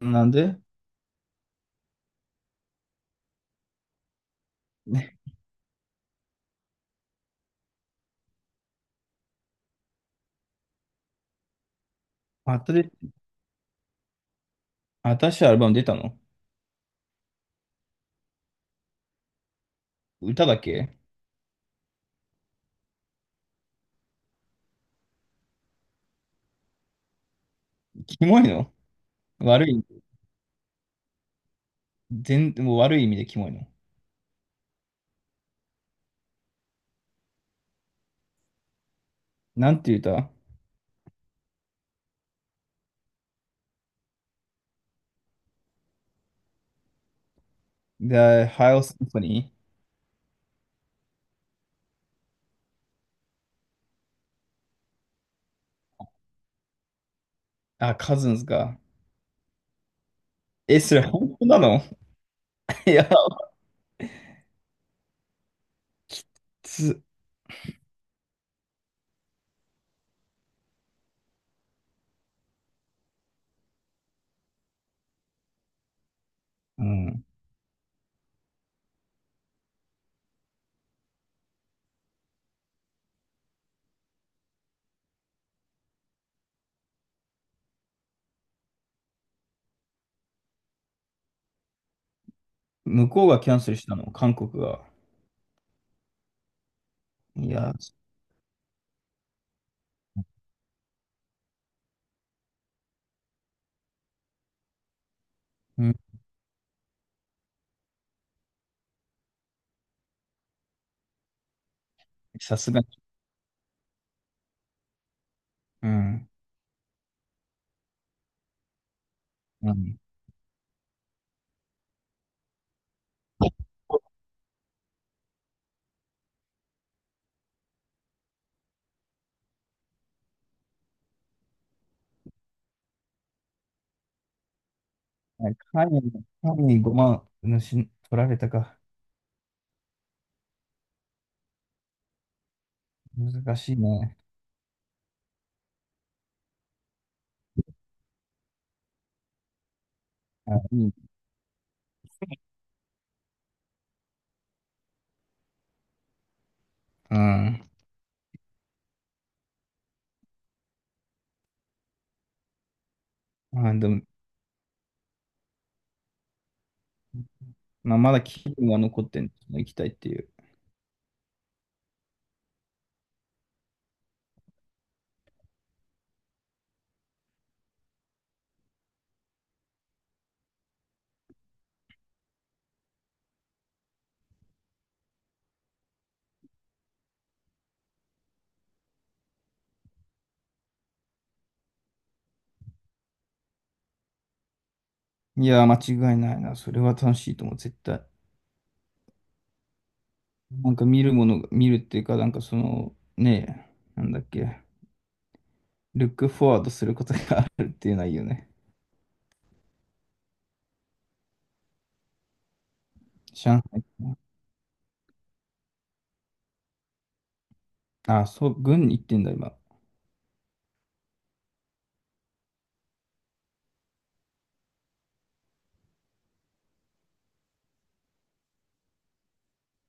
なんでね、新し新しいアルバム出たの？歌だけキモいの？悪い、全、もう悪い意味でキモいの。なんていう歌 ?The High Symphony? あ、Cousins か。え、それ本当なの？ いや、つ、うん。向こうがキャンセルしたの、韓国が。いや、うん、さすがに。うん。うん。カニ、カニ5万、取られたか。難しいね。あ、いい。うん。まあ、でも、まあ、まだ気分が残ってんの、行きたいっていう。いやー、間違いないな。それは楽しいと思う、絶対。なんか見るものが、見るっていうか、なんかその、ねえ、なんだっけ、ルックフォワードすることがあるっていうのはいいよね。上海かな。あ、そう、軍に行ってんだ、今。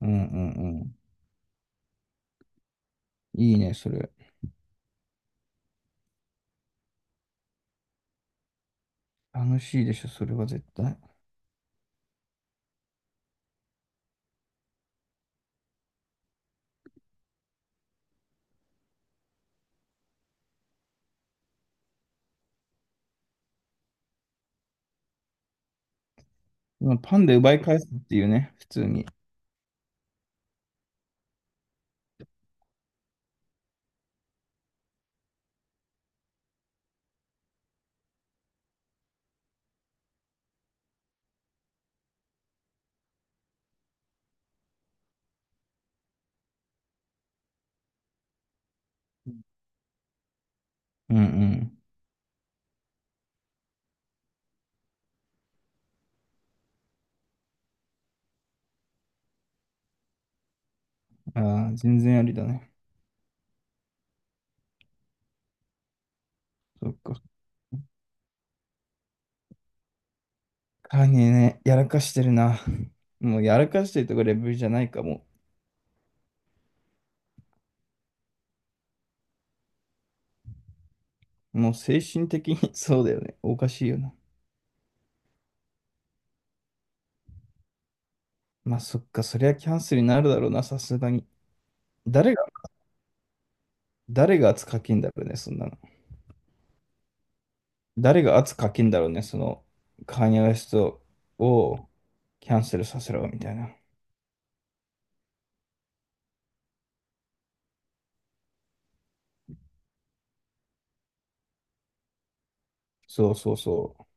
うんうんうん。いいね、それ。楽しいでしょ、それは絶対。今、パンで奪い返すっていうね、普通に。うんうん。ああ、全然ありだね。そっか。カーニね、やらかしてるな。もうやらかしてるとかレベルじゃないかも。もう精神的に そうだよね。おかしいよな。まあそっか、そりゃキャンセルになるだろうな、さすがに。誰が、誰が圧かけんだろうね、そんなの。誰が圧かけんだろうね、その、カーニャウエストをキャンセルさせろ、みたいな。そうそうそ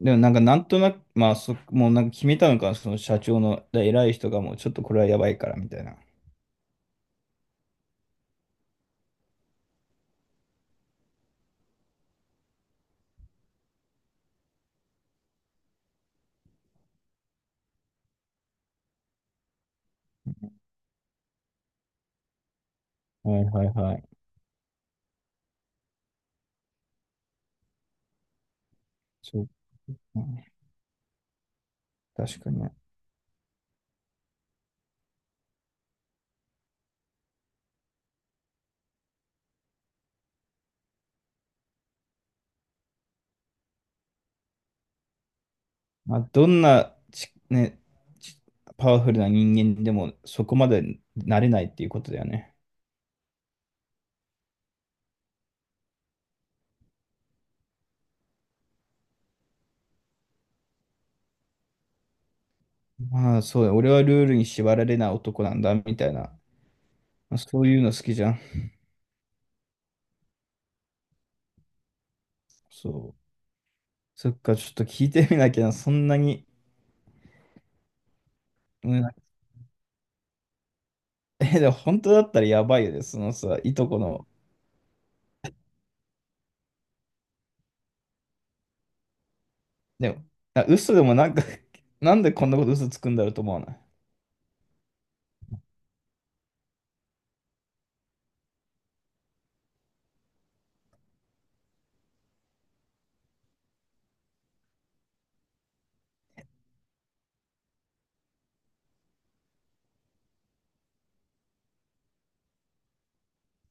う。でもなんかなんとなく、まあそ、もうなんか決めたのかな、その社長の偉い人がもうちょっとこれはやばいから、みたいな。はいはいはい。そう。うん、確かに。まあ、どんなね、ちパワフルな人間でもそこまでなれないっていうことだよね。まあそうだ、俺はルールに縛られない男なんだみたいな、まあ、そういうの好きじゃん。そう。そっか、ちょっと聞いてみなきゃな、そんなに。うん、え、でも本当だったらやばいよね、そのさ、いとこの。でも、あ、嘘でもなんか なんでこんなこと嘘つくんだろうと思わない？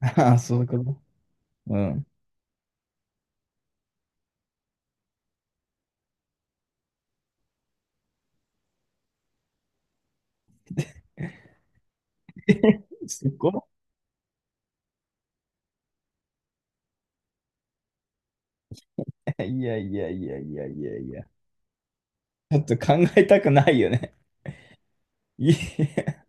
ああ、そういうこと。うん。すごい。いやいやいやいやいやいや。ちょっと考えたくないよね。いえ、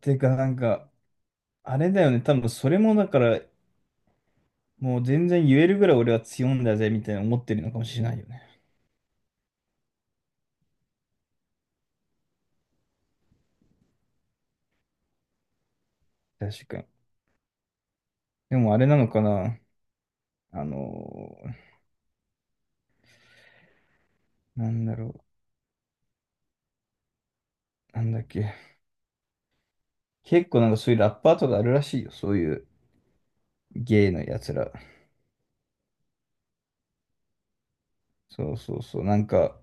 てかなんか、あれだよね。多分それもだから、もう全然言えるぐらい俺は強いんだぜ、みたいな思ってるのかもしれないよね。確かに。でもあれなのかな。あのーなんだろう。なんだっけ。結構なんかそういうラッパーとかあるらしいよ。そういうゲイのやつら。そうそうそう。なんか、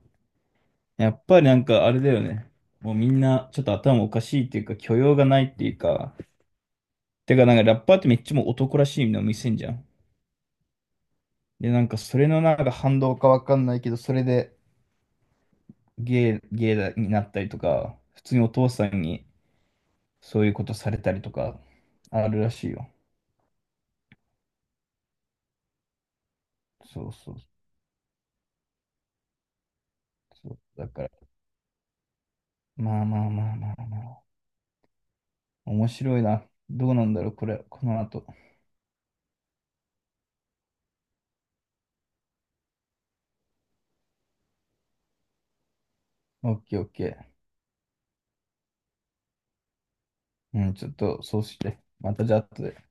やっぱりなんかあれだよね。もうみんなちょっと頭おかしいっていうか、許容がないっていうか。てかなんかラッパーってめっちゃもう男らしいの見せんじゃん。で、なんかそれのなんか反動かわかんないけど、それでゲイだになったりとか、普通にお父さんにそういうことされたりとか、あるらしいよ。そうそうそう。だから、まあまあまあまあまあ。面白いな。どうなんだろう、これ、この後。オッケーオッケー。うん、ちょっとそうして。またじゃあ後で。